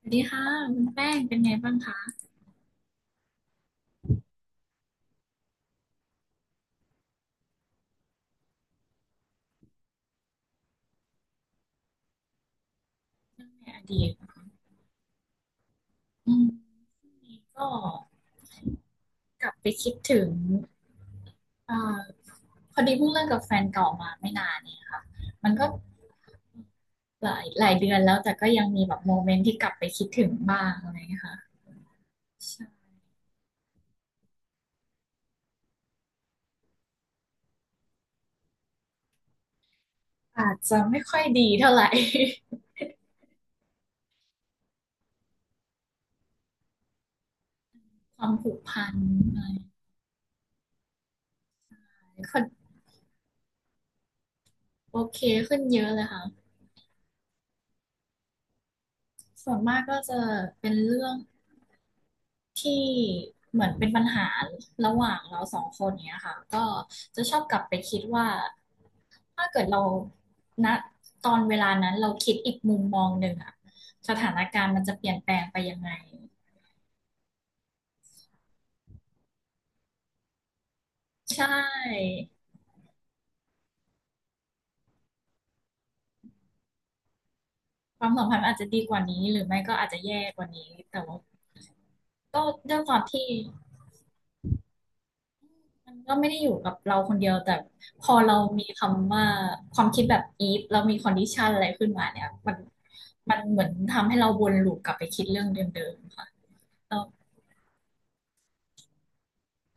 สวัสดีค่ะคุณแป้งเป็นไงบ้างคะเรื่องในอดีตอืมช่วงนี้ก็กลับไปคิดถึงเอ่อพอดีเพิ่งเลิกกับแฟนเก่ามาไม่นานเนี่ยค่ะมันก็หลายหลายเดือนแล้วแต่ก็ยังมีแบบโมเมนต์ที่กลับไปคิดถึงบ้างอะไรอย่างเงี้ยค่ะใช่อาจจะไม่ค่อยดีเท่าไหร่ ความผูกพันอะไรก็โอเคขึ้นเยอะเลยค่ะส่วนมากก็จะเป็นเรื่อง ที่เหมือนเป็นปัญหาระหว่างเราสองคนเนี้ยค่ะก็จะชอบกลับไปคิดว่าถ้าเกิดเราณตอนเวลานั้นเราคิดอีกมุมมองหนึ่งอะสถานการณ์มันจะเปลี่ยนแปลงไปยังไงใช่ความสัมพันธ์อาจจะดีกว่านี้หรือไม่ก็อาจจะแย่กว่านี้แต่ว่าก็ด้วยความที่ มันก็ไม่ได้อยู่กับเราคนเดียวแต่พอเรามีคำว่าความคิดแบบ if เรามี condition อะไรขึ้นมาเนี่ยมันมันเหมือนทำให้เราวนลูปกลับไปคิดเรื่องเดิมๆค่ะเรา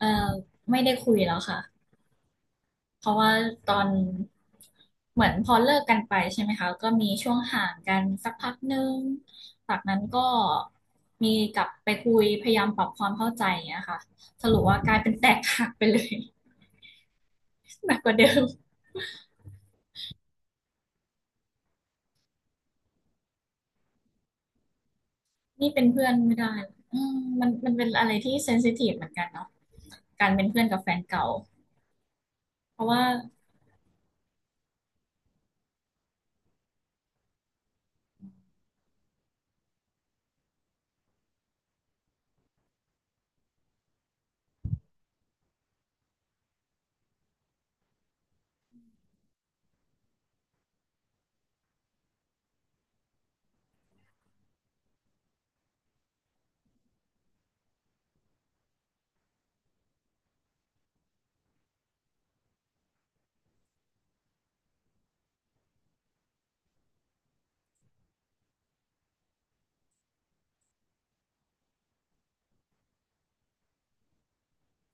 เออไม่ได้คุยแล้วค่ะเพราะว่าตอนเหมือนพอเลิกกันไปใช่ไหมคะก็มีช่วงห่างกันสักพักหนึ่งจากนั้นก็มีกลับไปคุยพยายามปรับความเข้าใจอย่างเงี้ยค่ะสรุปว่ากลายเป็นแตกหักไปเลย หนักกว่าเดิม นี่เป็นเพื่อนไม่ได้อืมมันเป็นอะไรที่เซนซิทีฟเหมือนกันเนาะการเป็นเพื่อนกับแฟนเก่าเพราะว่า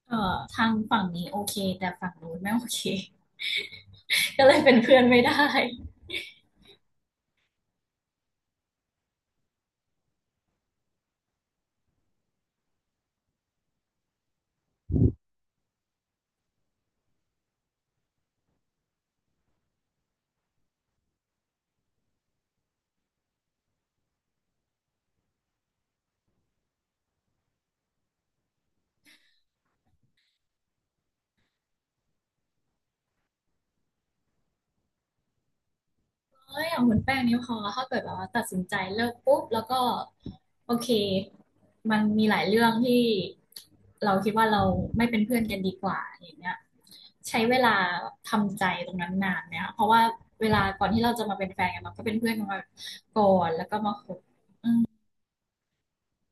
ทางฝั่งนี้โอเคแต่ฝั่งนู้นไม่โอเค ก็เลยเป็นเพื่อนไม่ได้เอ้ยอย่างคุณแป้งนี่พอถ้าเกิดแบบว่าตัดสินใจเลิกปุ๊บแล้วก็โอเค มันมีหลายเรื่องที่เราคิดว่าเราไม่เป็นเพื่อนกันดีกว่าอย่างเงี้ยใช้เวลาทำใจตรงนั้นนานเนี่ยเพราะว่าเวลาก่อนที่เราจะมาเป็นแฟนกันเราก็เป็นเพื่อนกันมาก่อนแล้วก็มาคบ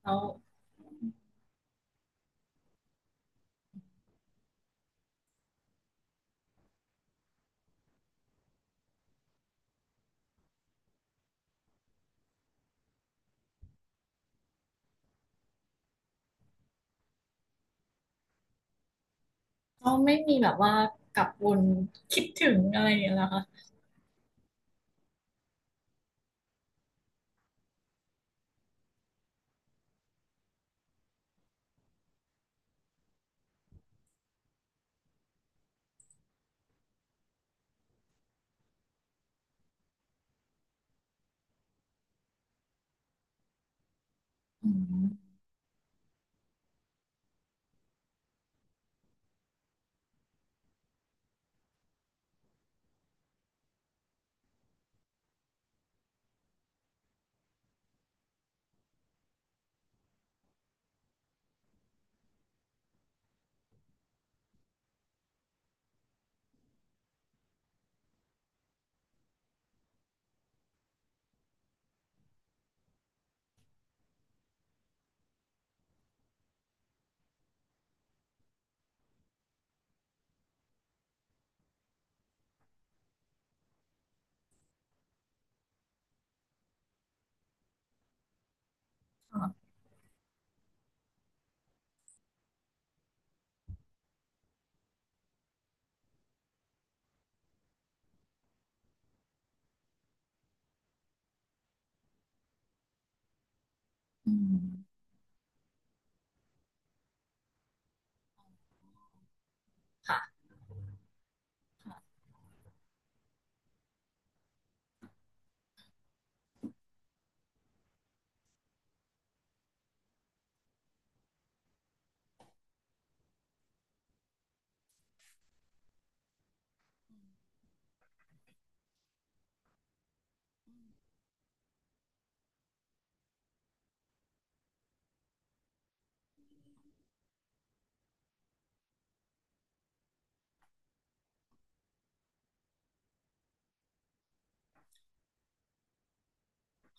แล้ว ก็ไม่มีแบบว่ากลับวนคิดถึงอะไรอย่างเงี้ยนะคะอืมค่ะอืมค่ะค่ะ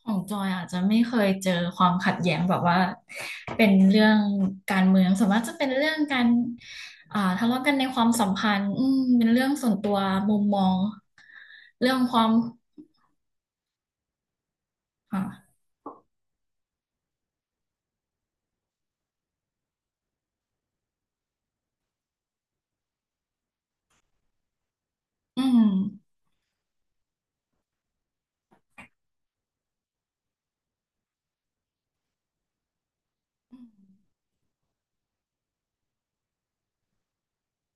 ของจอยอาจจะไม่เคยเจอความขัดแย้งแบบว่าเป็นเรื่องการเมืองส่วนมากจะเป็นเรื่องการอ่าทะเลาะกันในความสัมพันธ์อืมเป็นเรื่องส่วนตัวมุมมองเรื่องความค่ะอืม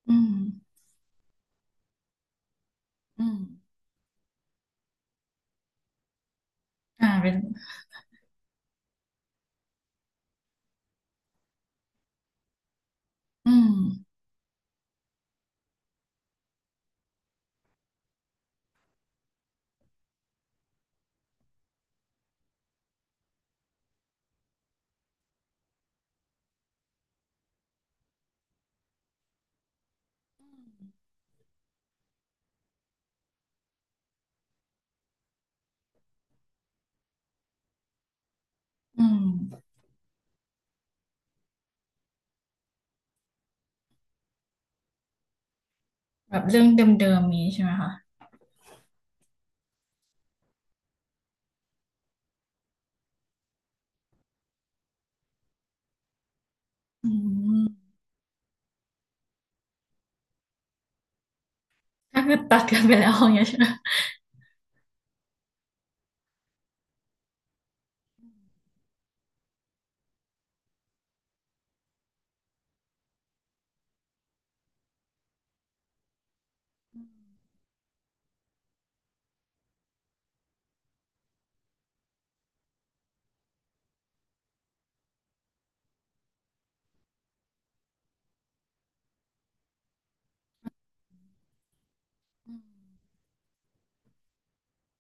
อืมอืมอ่าเป็นอืมอืมแบบเรื่องเดิมๆนี้ใช่ไหมคะอืม ก็คือตัดกันไปแล้วอย่างเงี้ยใช่ไหม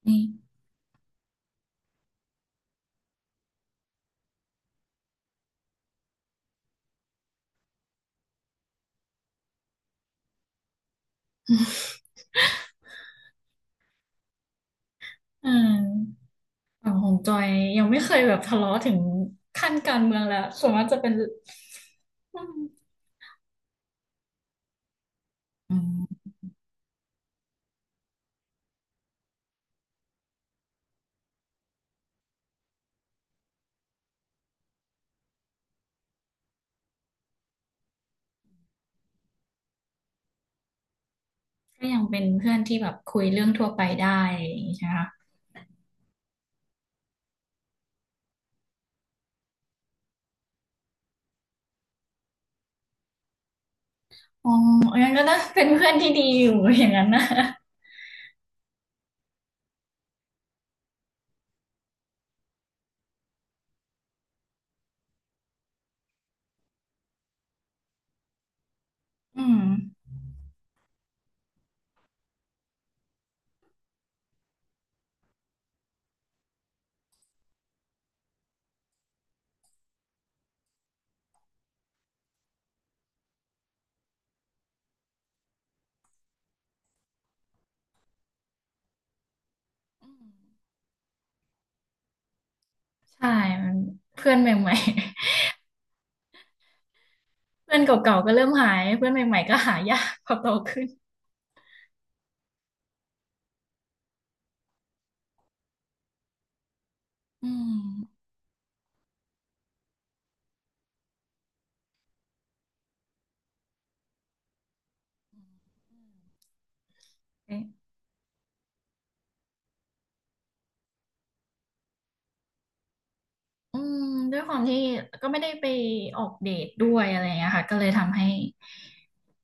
นี่อืมฝั่งของจอยยังไม่เคยแบบทะเลาะถึงขั้นการเมืองแล้วส่วนมากจะเป็นอืมอืมก็ยังเป็นเพื่อนที่แบบคุยเรื่องทั่วไปได้อย่างงี้ใช่ไหมคะอ๋องั้นก็ต้องเป็นเพื่อนที่ดีอยู่อย่างนั้นนะอืมอืมใช่มันเพื่อนใหม่ๆ เพื่อนเก่าๆก็เริ่มหายเพื่อนใหม่ๆก็หายากพอโตขึ้นอืม อืมด้วยความที่ก็ไม่ได้ไปออกเดทด้วยอะไรอย่างเงี้ยค่ะก็เลยทำให้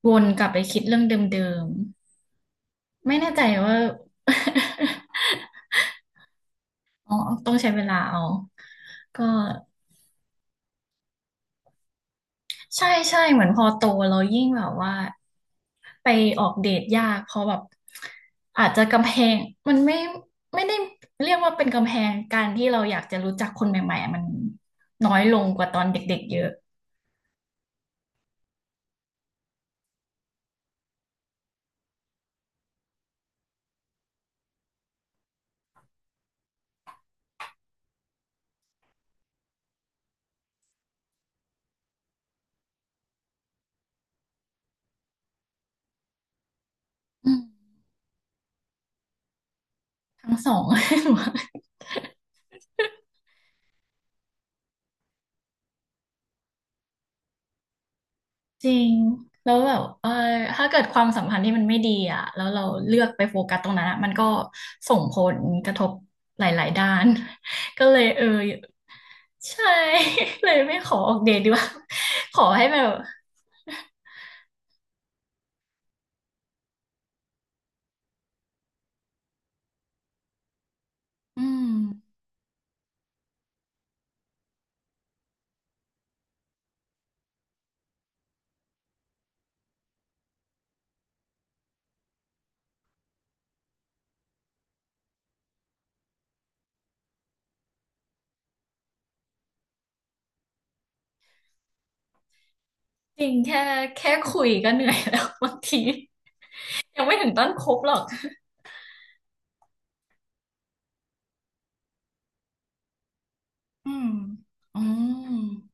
วนกลับไปคิดเรื่องเดิมๆไม่แน่ใจว่า อ๋อต้องใช้เวลาเอาก็ใช่ใช่เหมือนพอโตเรายิ่งแบบว่าไปออกเดทยากเพราะแบบอาจจะกำแพงมันไม่ไม่ได้เรียกว่าเป็นกำแพงการที่เราอยากจะรู้จักคนใหม่ๆมันน้อยลงกว่าตอนเด็กๆเยอะอืมทั้งสอง จริงแล้วแบบเออถ้าเกิดความสัมพันธ์ที่มันไม่ดีอ่ะแล้วเราเลือกไปโฟกัสตรงนั้นอะมันก็ส่งผลกระทบหลายๆด้าน ก็เลยเออใช่ เลยไม่ขอออกเดทดีกว่า ขอให้แบบอืมจริงแค่แค่คุยก็เหนื่อยแล้ว บางทียังไม่ถึงต้นคบหรอกอืมอืม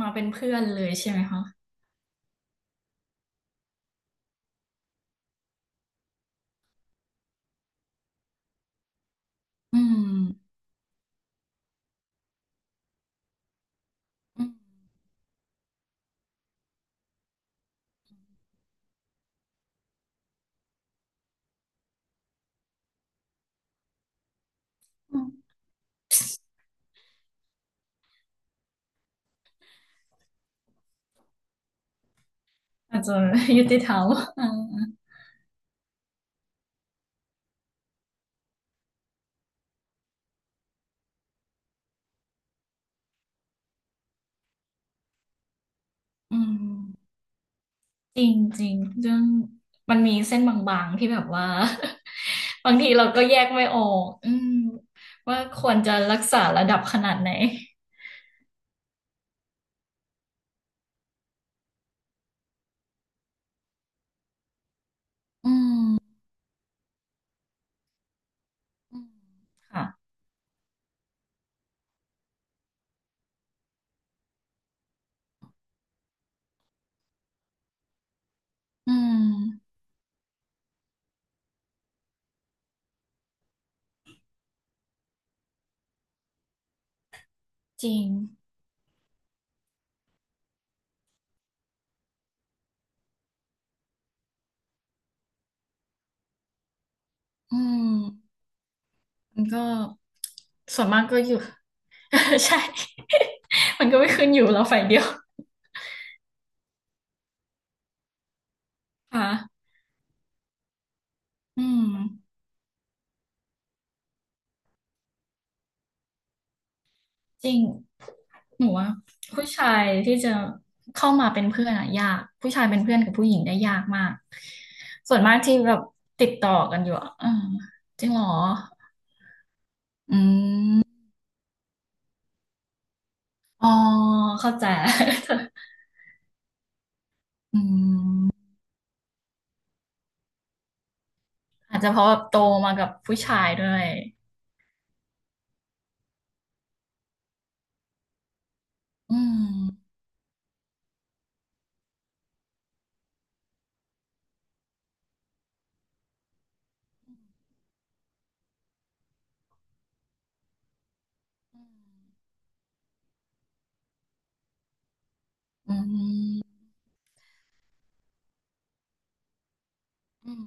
มาเป็นเพื่อนเลยใช่ไหมคะอืมอืมอาจจะยุติธรรม อ่าอืม จริงจริงเรื่องมันมีเส้นบางๆที่แบบว่า บางทีเราก็แยกไม่ออกอืมว่าควรจะรักษาระดับขนาดไหนอืมอืมค่ะอืมจริงอืมมันก็ส่วนมากก็อยู่ ใช่ มันก็ไม่ขึ้นอยู่เราฝ่ายเดียวค่ะอืม จริงหนูว่าผู้ชายที่จะเข้ามาเป็นเพื่อนอะยาก ผู้ชายเป็นเพื่อนกับผู้หญิงได้ยากมาก ส่วนมากที่แบบติดต่อกันอยู่อะเออจริงเหรอ อืมอ๋อเข้าใจ อืมอาจจะเพราะแบบโตมากับผู้ชายด้วย อืม อืมอืม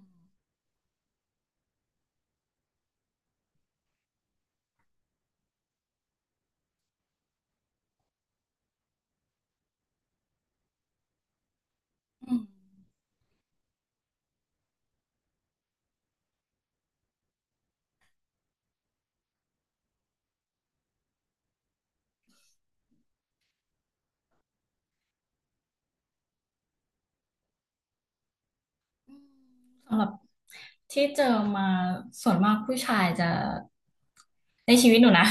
อืม สำหรับที่เจอมาส่วนมากผู้ชายจะในชีวิตหนูนะ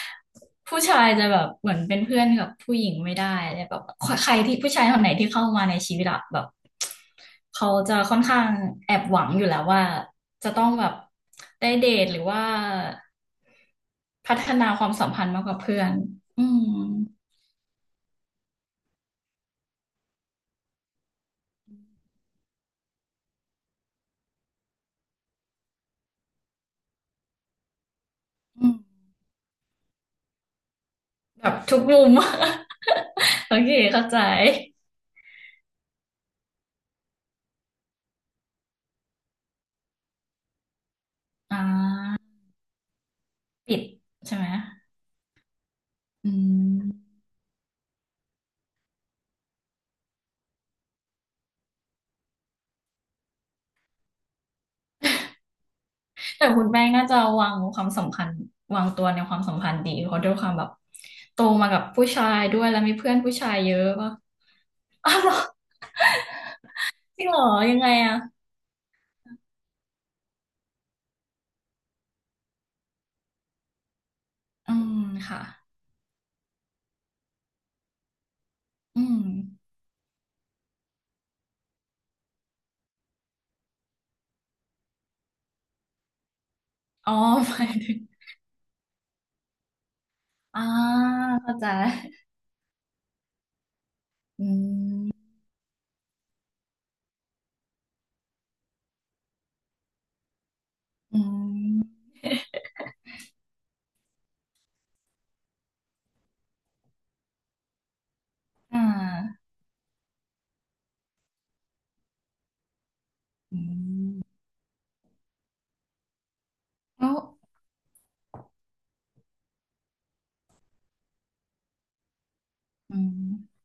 ผู้ชายจะแบบเหมือนเป็นเพื่อนกับผู้หญิงไม่ได้เลยแบบใครที่ผู้ชายคนไหนที่เข้ามาในชีวิตอะแบบเขาจะค่อนข้างแอบหวังอยู่แล้วว่าจะต้องแบบได้เดทหรือว่าพัฒนาความสัมพันธ์มากกว่าเพื่อนอืมอืมแบบทุกมุม โอเคเข้าใจอ่าปิดใช่ไหม อืมแต่คุณแป้งน่าจะวางความสำคัญวางตัวในความสัมพันธ์ดีเพราะด้วยความแบบโตมากับผู้ชายด้วยแล้วมีเพื่อนผู้ชายเยอะป่ะอ้าวเหรอจริงเหรอยังไงอ่ะอืมค่ะอืมอ๋อหมายถึงอ่าเข้าใจอืมอืมอ่าอืมแล้วอืม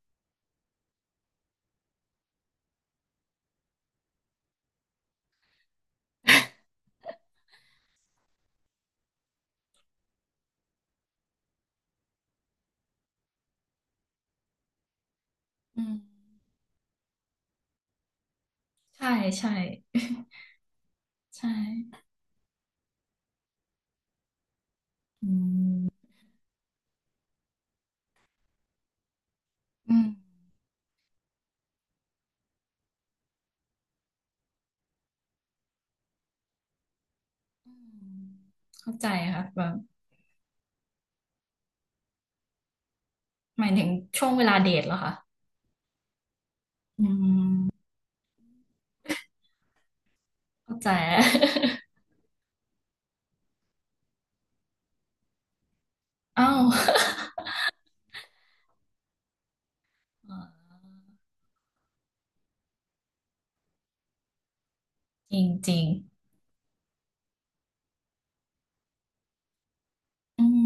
อืมใช่ใช่ ใช่อืมอืมอืมเข้าใจค่ะแบบ หมายถึงช่วงเวลาเดทเหรอคะอืมเข้าใจ อ้าว อ๋อจริงจริงอืม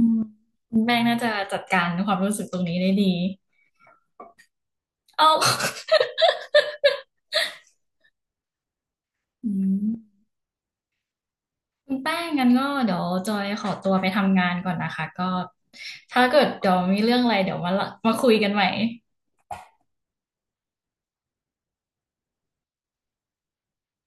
คุณแป้งน่าจะจัดการความรู้สึกตรงนี้ได้ดีอ้าว อืมคุณแป้งงั้นก็เดี๋ยวจอยขอตัวไปทำงานก่อนนะคะก็ถ้าเกิดเดี๋ยวมีเรื่องอะไรเดี๋ยวมาละมาคุยกันใหม่